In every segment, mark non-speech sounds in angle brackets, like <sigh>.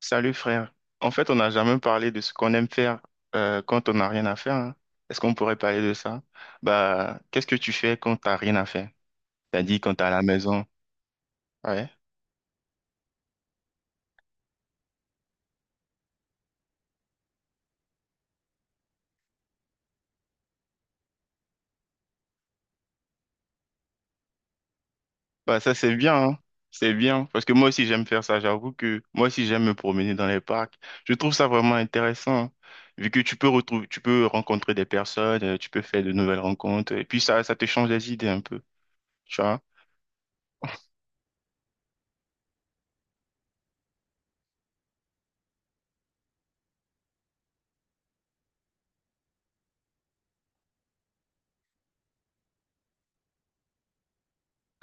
Salut frère. En fait, on n'a jamais parlé de ce qu'on aime faire quand on n'a rien à faire, hein. Est-ce qu'on pourrait parler de ça? Bah, qu'est-ce que tu fais quand t'as rien à faire? T'as dit quand t'es à la maison. Ouais. Bah, ça c'est bien, hein. C'est bien parce que moi aussi j'aime faire ça. J'avoue que moi aussi j'aime me promener dans les parcs. Je trouve ça vraiment intéressant, hein, vu que tu peux retrouver, tu peux rencontrer des personnes, tu peux faire de nouvelles rencontres et puis ça te change les idées un peu. Tu vois?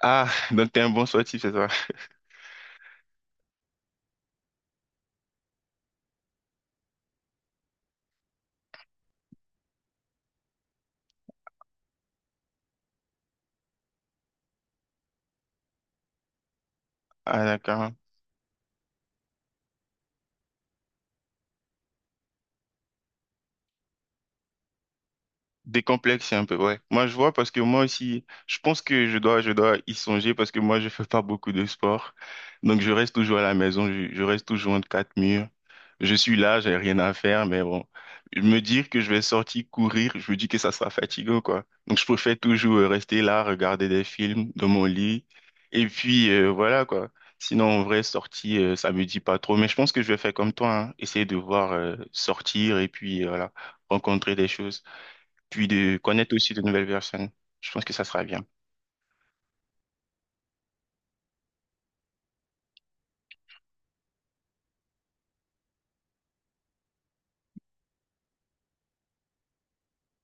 Ah, donc t'es un bon sportif, c'est ça. <laughs> Ah, d'accord. Décomplexé un peu, ouais. Moi, je vois parce que moi aussi, je pense que je dois y songer parce que moi, je fais pas beaucoup de sport. Donc, je reste toujours à la maison, je reste toujours entre quatre murs. Je suis là, j'ai rien à faire, mais bon, me dire que je vais sortir courir, je me dis que ça sera fatigant, quoi. Donc, je préfère toujours rester là, regarder des films dans mon lit. Et puis, voilà, quoi. Sinon, en vrai, sortir, ça me dit pas trop. Mais je pense que je vais faire comme toi, hein. Essayer de voir, sortir et puis, voilà, rencontrer des choses puis de connaître aussi de nouvelles personnes. Je pense que ça sera bien.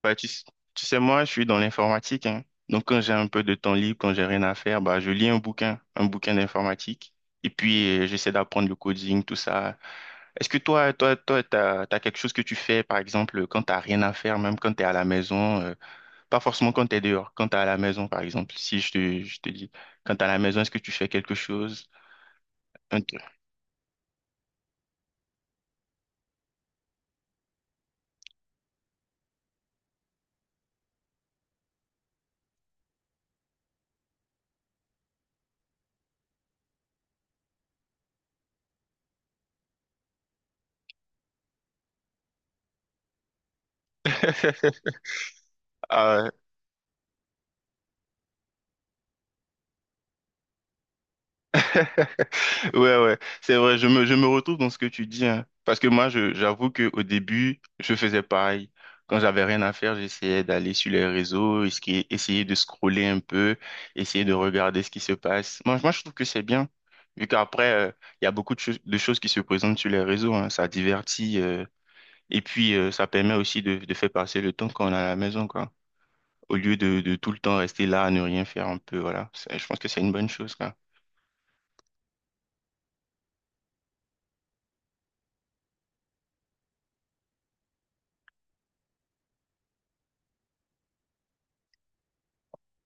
Bah, tu sais, moi, je suis dans l'informatique, hein. Donc, quand j'ai un peu de temps libre, quand j'ai rien à faire, bah, je lis un bouquin d'informatique. Et puis, j'essaie d'apprendre le coding, tout ça. Est-ce que toi, t'as quelque chose que tu fais, par exemple, quand t'as rien à faire, même quand t'es à la maison, pas forcément quand t'es dehors, quand t'es à la maison, par exemple, si je te dis, quand t'es à la maison, est-ce que tu fais quelque chose? Un truc. <laughs> <laughs> Ouais, ouais, c'est vrai, je me retrouve dans ce que tu dis, hein. Parce que moi, j'avoue qu'au début, je faisais pareil. Quand j'avais rien à faire, j'essayais d'aller sur les réseaux, essayer de scroller un peu, essayer de regarder ce qui se passe. Moi, je trouve que c'est bien, vu qu'après, il y a beaucoup de choses qui se présentent sur les réseaux, hein. Ça divertit, et puis ça permet aussi de faire passer le temps quand on est à la maison, quoi. Au lieu de tout le temps rester là à ne rien faire un peu, voilà. Je pense que c'est une bonne chose, quoi.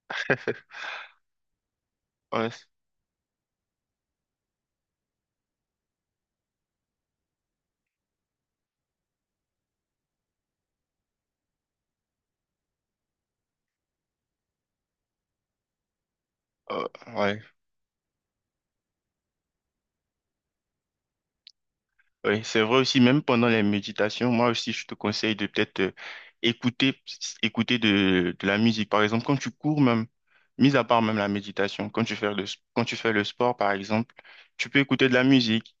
<laughs> Ouais. Euh, ouais, ouais, c'est vrai aussi, même pendant les méditations, moi aussi, je te conseille de peut-être écouter, écouter, de la musique. Par exemple, quand tu cours même, mis à part même la méditation, quand tu fais le sport, par exemple, tu peux écouter de la musique.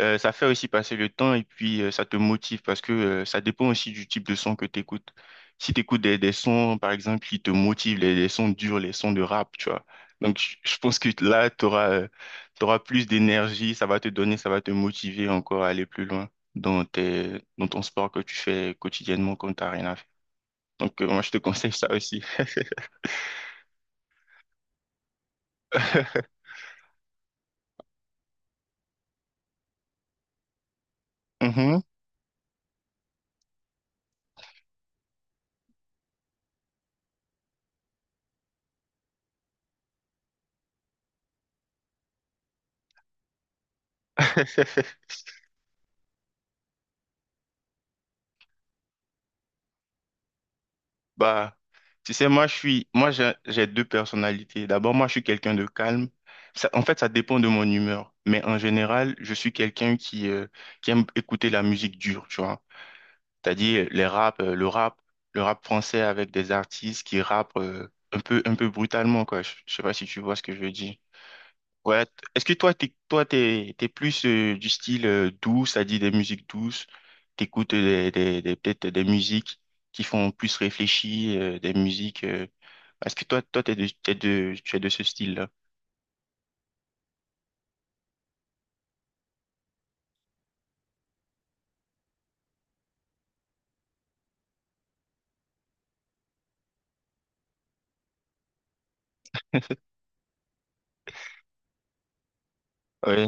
Ça fait aussi passer le temps et puis ça te motive parce que ça dépend aussi du type de son que tu écoutes. Si tu écoutes des sons, par exemple, qui te motivent, les sons durs, les sons de rap, tu vois. Donc, je pense que là, tu auras plus d'énergie, ça va te donner, ça va te motiver encore à aller plus loin dans ton sport que tu fais quotidiennement quand tu n'as rien à faire. Donc, moi, je te <laughs> conseille ça aussi. <laughs> Mhm. <laughs> Bah, tu sais, moi, j'ai deux personnalités. D'abord, moi, je suis quelqu'un de calme. Ça, en fait, ça dépend de mon humeur. Mais en général, je suis quelqu'un qui aime écouter la musique dure, tu vois. C'est-à-dire les rap, le rap, le rap français avec des artistes qui rappent un peu brutalement, quoi. Je sais pas si tu vois ce que je veux dire. Ouais, est-ce que toi, t'es plus du style doux, c'est-à-dire des musiques douces, t'écoutes peut-être des musiques qui font plus réfléchir, des musiques, est-ce que toi, tu es de ce style-là? Ouais,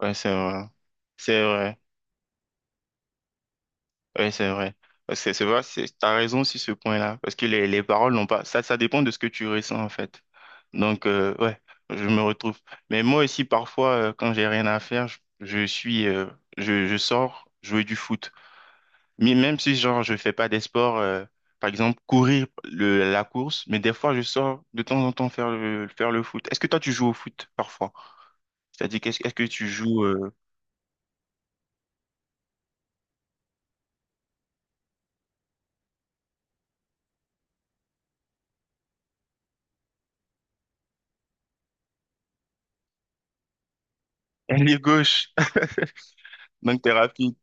ouais, c'est vrai. C'est vrai. Oui, c'est vrai. C'est vrai, t'as raison sur ce point-là, parce que les paroles n'ont pas. Ça dépend de ce que tu ressens, en fait. Donc, ouais, je me retrouve. Mais moi aussi, parfois, quand j'ai rien à faire, je sors jouer du foot. Mais même si, genre, je fais pas des sports, par exemple, courir la course, mais des fois, je sors de temps en temps faire le foot. Est-ce que toi, tu joues au foot, parfois? C'est-à-dire, est-ce que tu joues. <laughs> Ailier gauche, <laughs> donc t'es rapide.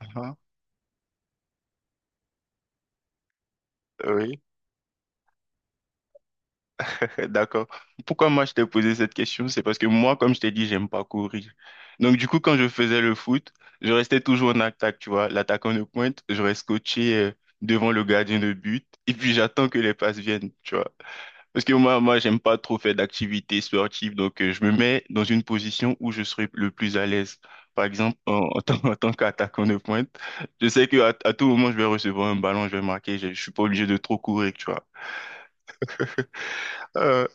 Ah, ah. Oui. Ok, d'accord. Pourquoi moi je t'ai posé cette question? C'est parce que moi, comme je t'ai dit, j'aime pas courir. Donc du coup, quand je faisais le foot, je restais toujours en attaque, tu vois. L'attaquant de pointe, je reste coaché devant le gardien de but et puis j'attends que les passes viennent, tu vois. Parce que moi, j'aime pas trop faire d'activités sportives, donc je me mets dans une position où je serai le plus à l'aise. Par exemple, en tant, <laughs> en tant qu'attaquant de pointe, je sais que à tout moment, je vais recevoir un ballon, je vais marquer, je suis pas obligé de trop courir, tu vois. Euh,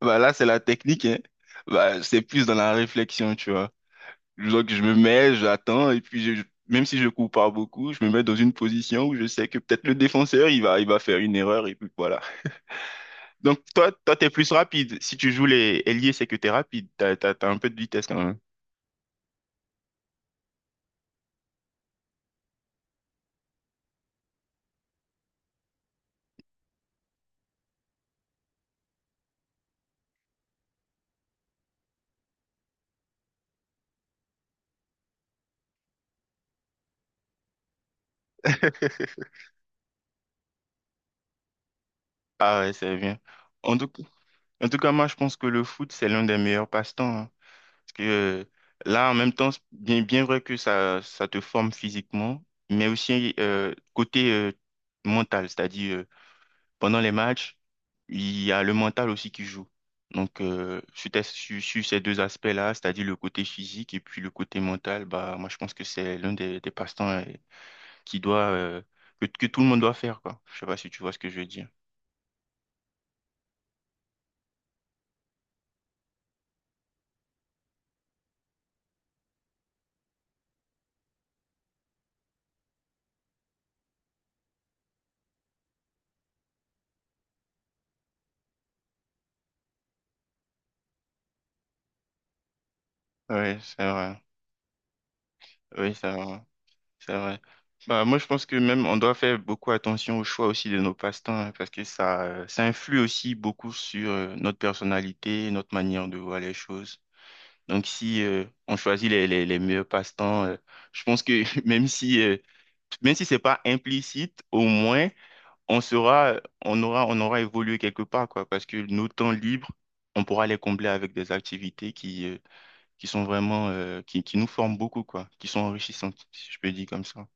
Bah là, c'est la technique, hein. Bah, c'est plus dans la réflexion, tu vois. Donc, je me mets, j'attends, et puis même si je cours pas beaucoup, je me mets dans une position où je sais que peut-être le défenseur, il va faire une erreur, et puis voilà. <laughs> Donc, toi, t'es plus rapide. Si tu joues les ailiers, c'est que t'es rapide. T'as un peu de vitesse quand même. <laughs> Ah, ouais, c'est bien. En tout, en tout cas, moi, je pense que le foot, c'est l'un des meilleurs passe-temps, hein. Parce que là, en même temps, c'est bien, bien vrai que ça te forme physiquement, mais aussi côté mental, c'est-à-dire pendant les matchs, il y a le mental aussi qui joue. Donc, sur ces deux aspects-là, c'est-à-dire le côté physique et puis le côté mental, bah, moi, je pense que c'est l'un des passe-temps qui doit, euh, que tout le monde doit faire, quoi. Je sais pas si tu vois ce que je veux dire. Oui, c'est vrai. Oui, ça. C'est vrai. Bah, moi, je pense que même on doit faire beaucoup attention au choix aussi de nos passe-temps, hein, parce que ça influe aussi beaucoup sur notre personnalité, notre manière de voir les choses. Donc, si on choisit les meilleurs passe-temps, je pense que <laughs> même si c'est pas implicite, au moins on sera, on aura évolué quelque part, quoi, parce que nos temps libres, on pourra les combler avec des activités qui sont vraiment, qui nous forment beaucoup, quoi, qui sont enrichissantes, si je peux dire comme ça.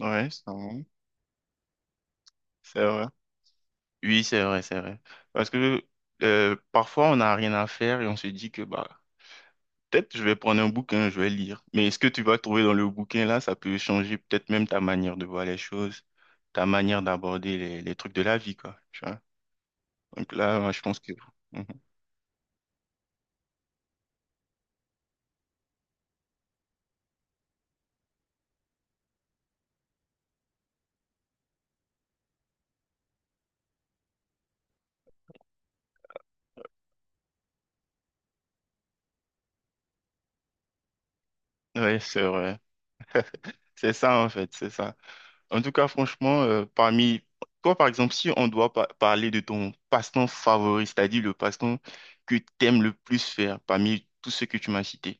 Ouais, c'est vrai. C'est vrai. Oui, c'est vrai, c'est vrai. Parce que parfois, on n'a rien à faire et on se dit que bah, peut-être je vais prendre un bouquin, je vais lire. Mais ce que tu vas trouver dans le bouquin là, ça peut changer peut-être même ta manière de voir les choses, ta manière d'aborder les trucs de la vie, quoi. Tu vois? Donc là, moi, je pense que. <laughs> Mhm. Ouais, c'est vrai. C'est ça, en fait, c'est ça. En tout cas, franchement, parmi toi, par exemple, si on doit parler de ton passe-temps favori, c'est-à-dire le passe-temps que tu aimes le plus faire parmi tous ceux que tu m'as cités.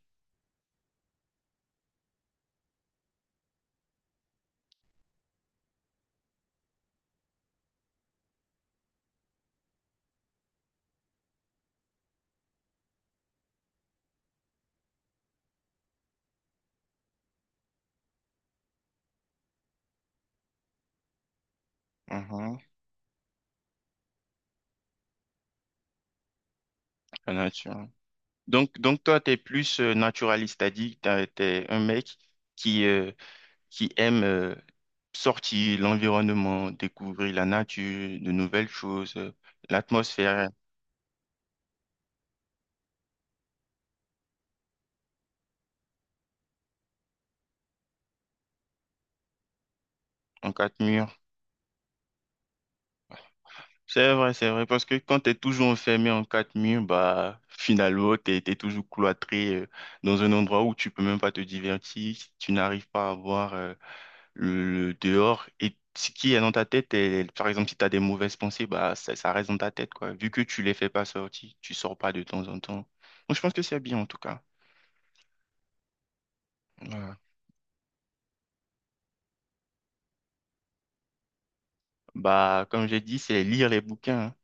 Mhm. La nature. Donc, toi, tu es plus naturaliste, c'est-à-dire que tu es un mec qui, euh, qui aime sortir l'environnement, découvrir la nature, de nouvelles choses, l'atmosphère en quatre murs. C'est vrai, parce que quand tu es toujours enfermé en quatre murs, bah, finalement, tu es toujours cloîtré dans un endroit où tu peux même pas te divertir, si tu n'arrives pas à voir le dehors et ce qui est dans ta tête, et, par exemple, si tu as des mauvaises pensées, bah, ça reste dans ta tête, quoi. Vu que tu les fais pas sortir, tu sors pas de temps en temps. Moi, je pense que c'est bien, en tout cas. Voilà. Bah, comme j'ai dit, c'est lire les bouquins, hein.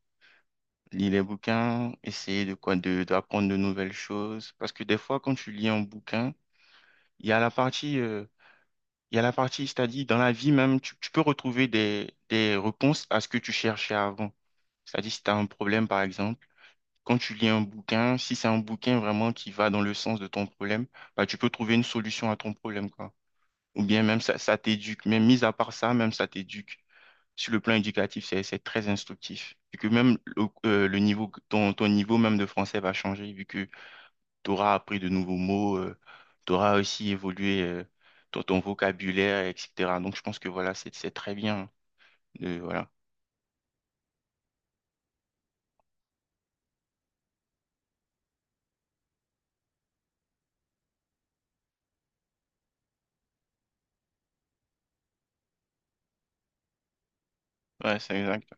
Lire les bouquins, essayer de quoi, d'apprendre de nouvelles choses. Parce que des fois, quand tu lis un bouquin, il y a la partie, c'est-à-dire, dans la vie même, tu peux retrouver des réponses à ce que tu cherchais avant. C'est-à-dire, si tu as un problème, par exemple. Quand tu lis un bouquin, si c'est un bouquin vraiment qui va dans le sens de ton problème, bah, tu peux trouver une solution à ton problème, quoi. Ou bien même ça, ça t'éduque. Même mis à part ça, même ça t'éduque. Sur le plan éducatif, c'est très instructif. Vu que même le niveau, ton niveau même de français va changer, vu que tu auras appris de nouveaux mots, tu auras aussi évolué ton vocabulaire, etc. Donc je pense que voilà, c'est très bien. Voilà. Ouais, c'est exact.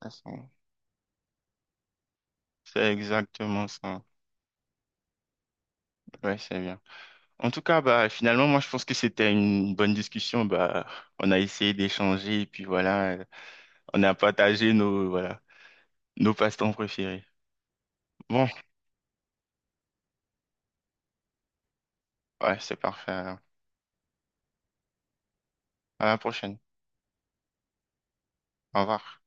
Ça, c'est exactement ça. Ouais, c'est bien. En tout cas, bah, finalement, moi, je pense que c'était une bonne discussion. Bah, on a essayé d'échanger et puis voilà, on a partagé nos, voilà, nos passe-temps préférés. Bon, ouais, c'est parfait, alors. À la prochaine. Au revoir.